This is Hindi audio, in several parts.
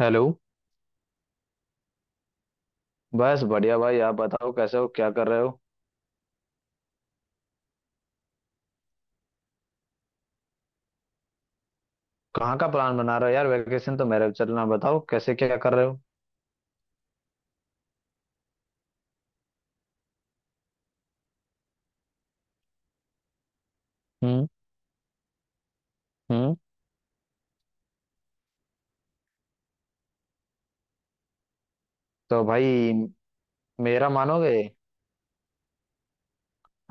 हेलो। बस बढ़िया भाई, आप बताओ कैसे हो, क्या कर रहे हो? कहाँ का प्लान बना रहे हो यार? वैकेशन तो मेरे चलना, बताओ कैसे, क्या कर रहे हो? हम्म। हम्म। तो भाई, मेरा मानोगे?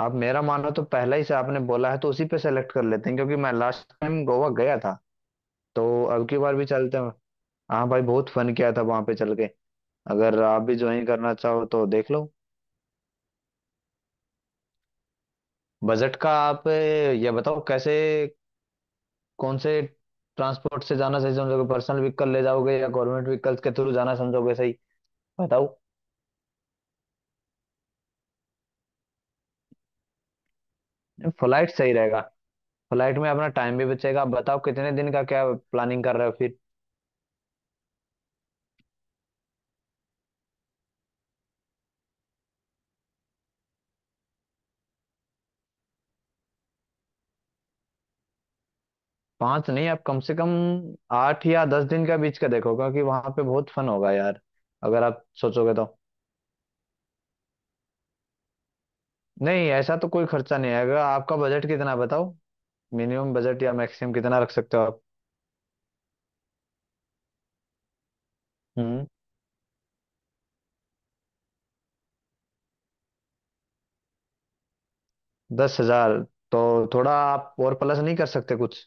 आप मेरा मानो तो पहले ही से आपने बोला है तो उसी पे सेलेक्ट कर लेते हैं क्योंकि मैं लास्ट टाइम गोवा गया था तो अब की बार भी चलते हैं। हाँ भाई, बहुत फन किया था वहां पे चल के। अगर आप भी ज्वाइन करना चाहो तो देख लो। बजट का आप ये बताओ कैसे, कौन से ट्रांसपोर्ट से जाना सही समझोगे, पर्सनल व्हीकल ले जाओगे या गवर्नमेंट व्हीकल्स के थ्रू जाना समझोगे सही? बताओ। फ्लाइट सही रहेगा। फ्लाइट में अपना टाइम भी बचेगा। आप बताओ कितने दिन का क्या प्लानिंग कर रहे हो फिर? पांच नहीं, आप कम से कम 8 या 10 दिन का बीच का देखो क्योंकि वहां पे बहुत फन होगा यार अगर आप सोचोगे तो। नहीं, ऐसा तो कोई खर्चा नहीं आएगा। आपका बजट कितना है बताओ? मिनिमम बजट या मैक्सिमम कितना रख सकते हो आप? हम्म। 10 हज़ार तो। थोड़ा आप और प्लस नहीं कर सकते कुछ?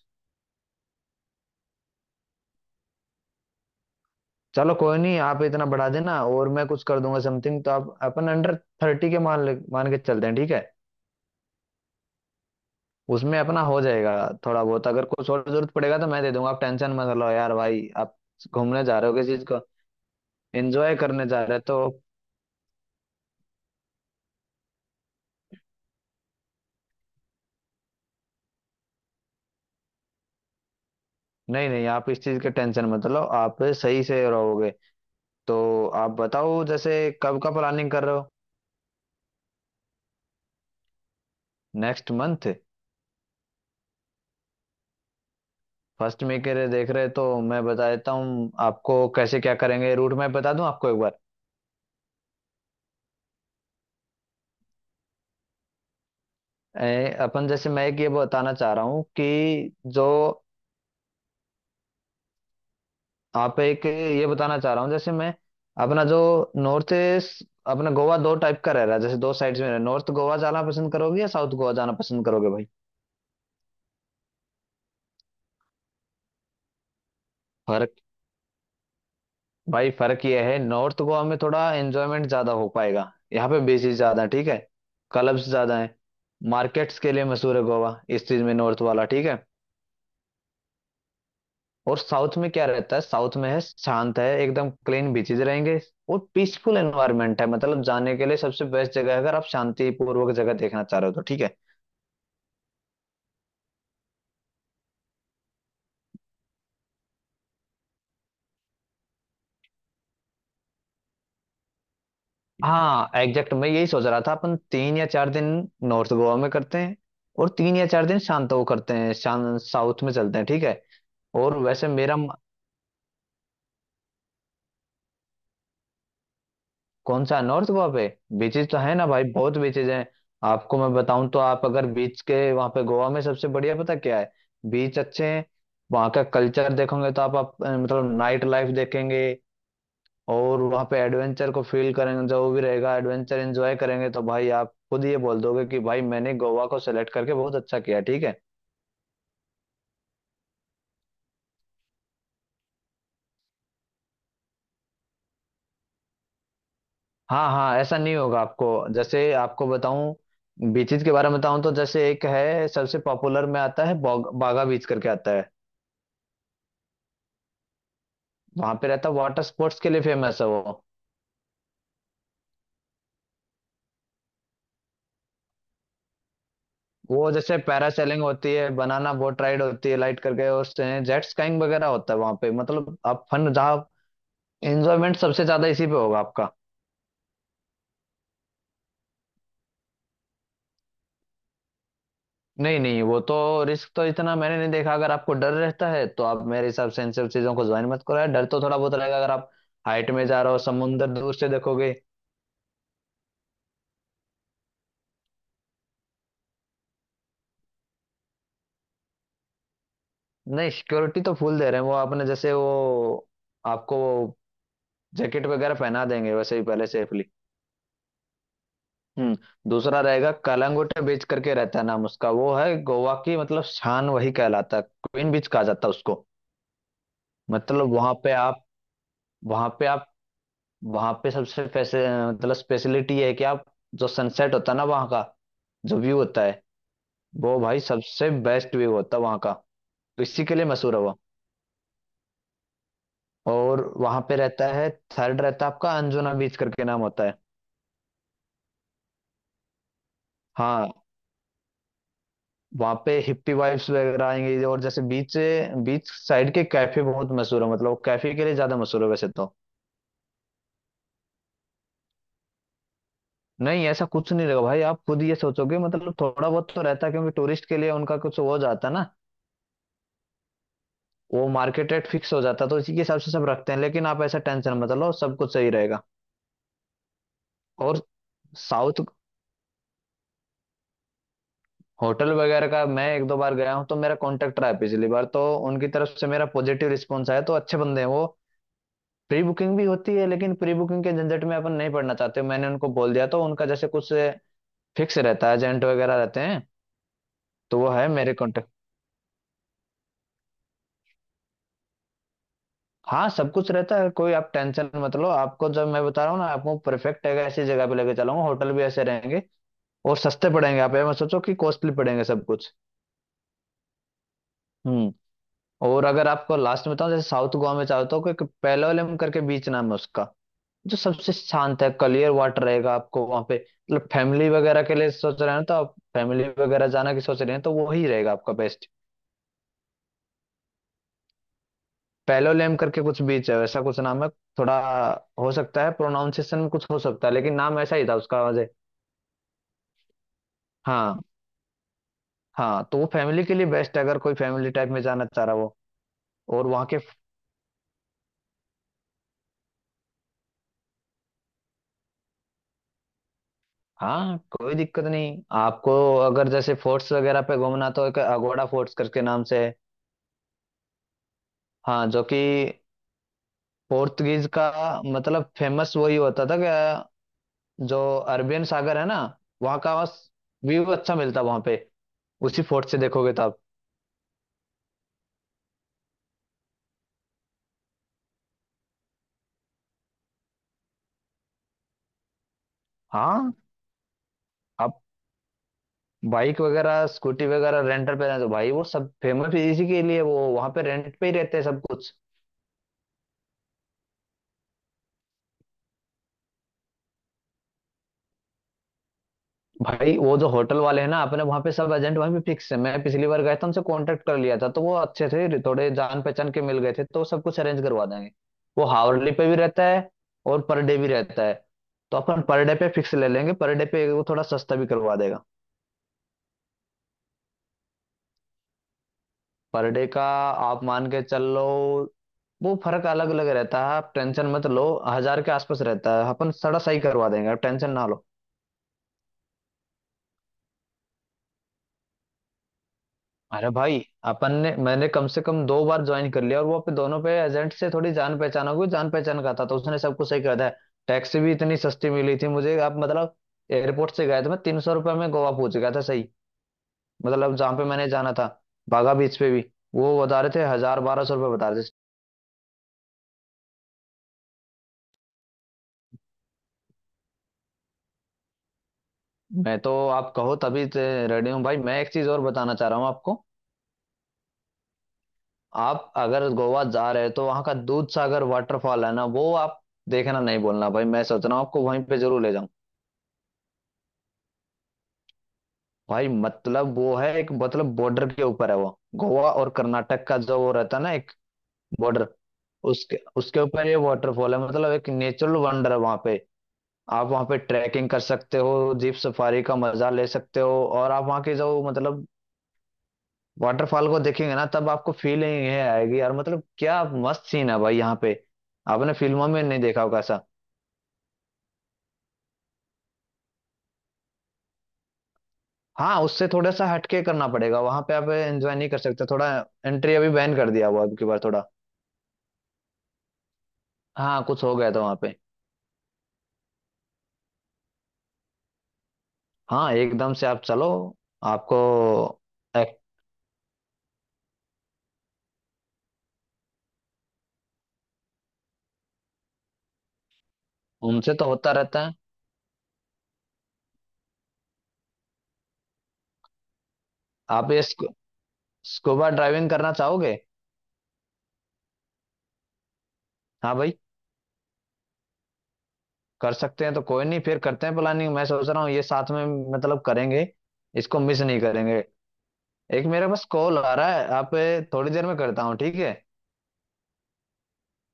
चलो कोई नहीं, आप इतना बढ़ा देना और मैं कुछ कर दूंगा समथिंग। तो आप अपन अंडर 30 के मान के चलते हैं, ठीक है? उसमें अपना हो जाएगा। थोड़ा बहुत अगर कुछ और जरूरत पड़ेगा तो मैं दे दूंगा, आप टेंशन मत लो यार भाई। आप घूमने जा रहे हो किस चीज को? एंजॉय करने जा रहे हो तो। नहीं नहीं, आप इस चीज के टेंशन मत लो, आप सही से रहोगे तो। आप बताओ जैसे कब का प्लानिंग कर रहे हो? नेक्स्ट मंथ फर्स्ट में के लिए देख रहे हो तो मैं बता देता हूँ आपको कैसे क्या करेंगे, रूट मैप बता दूं आपको एक बार। अपन जैसे, मैं एक ये बताना चाह रहा हूँ कि जो आप एक ये बताना चाह रहा हूँ जैसे, मैं अपना जो नॉर्थ ईस्ट, अपना गोवा दो टाइप का रह रहा है, जैसे दो साइड्स में नॉर्थ गोवा जाना पसंद करोगे या साउथ गोवा जाना पसंद करोगे भाई? फर्क भाई फर्क ये है, नॉर्थ गोवा में थोड़ा एंजॉयमेंट ज्यादा हो पाएगा, यहाँ पे बीचेस ज्यादा है, ठीक है। क्लब्स ज्यादा है, मार्केट्स के लिए मशहूर है गोवा इस चीज में, नॉर्थ वाला, ठीक है। और साउथ में क्या रहता है? साउथ में है शांत, है एकदम क्लीन बीचेज रहेंगे और पीसफुल एनवायरनमेंट है। मतलब जाने के लिए सबसे बेस्ट जगह है अगर आप शांतिपूर्वक जगह देखना चाह रहे हो तो, ठीक है। हाँ एग्जैक्ट मैं यही सोच रहा था, अपन 3 या 4 दिन नॉर्थ गोवा में करते हैं और 3 या 4 दिन शांत वो करते हैं, शान साउथ में चलते हैं, ठीक है। और वैसे मेरा कौन सा नॉर्थ वहां पे? बीचेस तो है ना भाई, बहुत बीचेस हैं। आपको मैं बताऊं तो आप अगर बीच के वहां पे गोवा में सबसे बढ़िया पता क्या है? बीच अच्छे हैं, वहां का कल्चर देखोगे तो मतलब नाइट लाइफ देखेंगे और वहां पे एडवेंचर को फील करेंगे, जो भी रहेगा एडवेंचर एंजॉय करेंगे तो भाई आप खुद ये बोल दोगे कि भाई मैंने गोवा को सेलेक्ट करके बहुत अच्छा किया, ठीक है। हाँ हाँ, ऐसा नहीं होगा आपको। जैसे आपको बताऊं बीचेस के बारे में बताऊं तो जैसे एक है सबसे पॉपुलर में आता है, बागा बीच करके आता है। वहां पे रहता वाटर स्पोर्ट्स के लिए फेमस है वो। वो जैसे पैरासेलिंग होती है, बनाना बोट राइड होती है लाइट करके, और जेट स्काइंग वगैरह होता है वहां पे। मतलब आप फन जहाँ एंजॉयमेंट सबसे ज्यादा इसी पे होगा आपका। नहीं नहीं वो तो, रिस्क तो इतना मैंने नहीं देखा, अगर आपको डर रहता है तो आप मेरे हिसाब से इन सब चीजों को ज्वाइन मत करो यार, डर तो थोड़ा बहुत रहेगा अगर आप हाइट में जा रहे हो, समुंदर दूर से देखोगे। नहीं, सिक्योरिटी तो फुल दे रहे हैं वो। आपने जैसे वो, आपको वो जैकेट वगैरह पहना देंगे वैसे ही पहले सेफली। हम्म। दूसरा रहेगा कलंगुट बीच करके रहता है नाम उसका, वो है गोवा की मतलब शान, वही कहलाता है, क्वीन बीच कहा जाता है उसको। मतलब वहां पे आप वहां पे सबसे पैसे, मतलब स्पेशलिटी ये है कि आप, जो सनसेट होता है ना वहां का, जो व्यू होता है, वो भाई सबसे बेस्ट व्यू होता है वहां का। तो इसी के लिए मशहूर है वो। और वहां पे रहता है, थर्ड रहता है आपका अंजुना बीच करके नाम होता है। हाँ, वहां पे हिप्पी वाइब्स वगैरह आएंगी और जैसे बीच बीच साइड के कैफे बहुत मशहूर है, मतलब कैफे के लिए ज्यादा मशहूर है वैसे तो। नहीं, ऐसा कुछ नहीं रहेगा भाई, आप खुद ये सोचोगे, मतलब थोड़ा बहुत तो रहता है क्योंकि टूरिस्ट के लिए उनका कुछ हो जाता है ना, वो मार्केट रेट फिक्स हो जाता है तो इसी के हिसाब से सब रखते हैं, लेकिन आप ऐसा टेंशन मत लो, सब कुछ सही रहेगा। और साउथ होटल वगैरह का, मैं एक दो बार गया हूँ तो मेरा कॉन्टेक्ट रहा है, पिछली बार तो उनकी तरफ से मेरा पॉजिटिव रिस्पॉन्स आया तो अच्छे बंदे हैं वो। प्री बुकिंग भी होती है लेकिन प्री बुकिंग के झंझट में अपन नहीं पड़ना चाहते, मैंने उनको बोल दिया तो उनका जैसे कुछ फिक्स रहता है, एजेंट वगैरह रहते हैं, तो वो है मेरे कॉन्टेक्ट। हाँ, सब कुछ रहता है, कोई आप टेंशन मत लो, आपको जब मैं बता रहा हूँ ना, आपको परफेक्ट है ऐसी जगह पे लेके चलाऊंगा, होटल भी ऐसे रहेंगे और सस्ते पड़ेंगे, आप ये मत सोचो कि कॉस्टली पड़ेंगे सब कुछ। हम्म। और अगर आपको लास्ट में बताऊँ, जैसे साउथ गोवा में चाहता हूँ कि पेलोलम करके बीच नाम है उसका, जो सबसे शांत है, क्लियर वाटर रहेगा आपको वहां पे। मतलब फैमिली वगैरह के लिए सोच रहे हैं तो, आप फैमिली वगैरह जाना की सोच रहे हैं तो वो ही रहेगा आपका बेस्ट। पैलोलेम करके कुछ बीच है, वैसा कुछ नाम है थोड़ा, हो सकता है प्रोनाउंसिएशन में कुछ हो सकता है लेकिन नाम ऐसा ही था उसका मुझे। हाँ हाँ, तो वो फैमिली के लिए बेस्ट है अगर कोई फैमिली टाइप में जाना चाह रहा हो। और वहाँ के, हाँ कोई दिक्कत नहीं आपको। अगर जैसे फोर्ट्स वगैरह पे घूमना तो एक अगोड़ा फोर्ट्स करके नाम से है, हाँ, जो कि पोर्तुगीज का, मतलब फेमस वही होता था कि जो अरबियन सागर है ना, वहां का व्यू अच्छा मिलता वहां पे, उसी फोर्ट से देखोगे तो आप। हाँ, आप बाइक वगैरह स्कूटी वगैरह रेंटल पे रहते तो भाई वो सब फेमस इसी के लिए, वो वहां पे रेंट पे ही रहते हैं सब कुछ। भाई वो जो होटल वाले हैं ना अपने, वहां पे सब एजेंट वहीं पे फिक्स है, मैं पिछली बार गया था उनसे कांटेक्ट कर लिया था तो वो अच्छे थे, थोड़े जान पहचान के मिल गए थे तो वो सब कुछ अरेंज करवा देंगे। वो हावरली पे भी रहता है और पर डे भी रहता है, तो अपन पर डे पे फिक्स ले लेंगे, पर डे पे वो थोड़ा सस्ता भी करवा देगा। पर डे का आप मान के चल लो, वो फर्क अलग अलग रहता है, आप टेंशन मत लो, 1000 के आसपास रहता है, अपन थोड़ा सही करवा देंगे, आप टेंशन ना लो। अरे भाई, अपन ने मैंने कम से कम दो बार ज्वाइन कर लिया और वो पे दोनों पे एजेंट से थोड़ी जान पहचान हो गई, जान पहचान का था तो उसने सब कुछ सही कर दिया। टैक्सी भी इतनी सस्ती मिली थी मुझे, आप मतलब एयरपोर्ट से गया था मैं, 300 रुपये में गोवा पहुंच गया था, सही। मतलब जहाँ पे मैंने जाना था बागा बीच पे भी, वो बता रहे थे 1000-1200 रुपये बता रहे थे। मैं तो आप कहो तभी रेडी हूँ भाई, मैं एक चीज और बताना चाह रहा हूँ आपको। आप अगर गोवा जा रहे हो तो वहाँ का दूध सागर वाटरफॉल है ना वो आप देखना, नहीं बोलना भाई मैं सोच रहा हूँ आपको वहीं पे जरूर ले जाऊँ। भाई मतलब वो है एक, मतलब बॉर्डर के ऊपर है वो, गोवा और कर्नाटक का जो वो रहता है ना एक बॉर्डर, उसके उसके ऊपर ये वाटरफॉल है, मतलब एक नेचुरल वंडर है वहाँ पे। आप वहाँ पे ट्रैकिंग कर सकते हो, जीप सफारी का मजा ले सकते हो, और आप वहाँ के जो मतलब वाटरफॉल को देखेंगे ना तब आपको फीलिंग ये आएगी यार, मतलब क्या मस्त सीन है भाई यहाँ पे, आपने फिल्मों में नहीं देखा होगा ऐसा। हाँ, उससे थोड़ा सा हटके करना पड़ेगा, वहां पे आप एंजॉय नहीं कर सकते थोड़ा, एंट्री अभी बैन कर दिया हुआ है अब की बार थोड़ा। हाँ, कुछ हो गया था वहां पे। हाँ एकदम से आप चलो, आपको एक-, उनसे तो होता रहता है। आप ये स्कूबा ड्राइविंग करना चाहोगे? हाँ भाई, कर सकते हैं तो कोई नहीं फिर करते हैं प्लानिंग, मैं सोच रहा हूँ ये साथ में मतलब करेंगे, इसको मिस नहीं करेंगे। एक मेरे पास कॉल आ रहा है, आप थोड़ी देर में करता हूँ, ठीक है।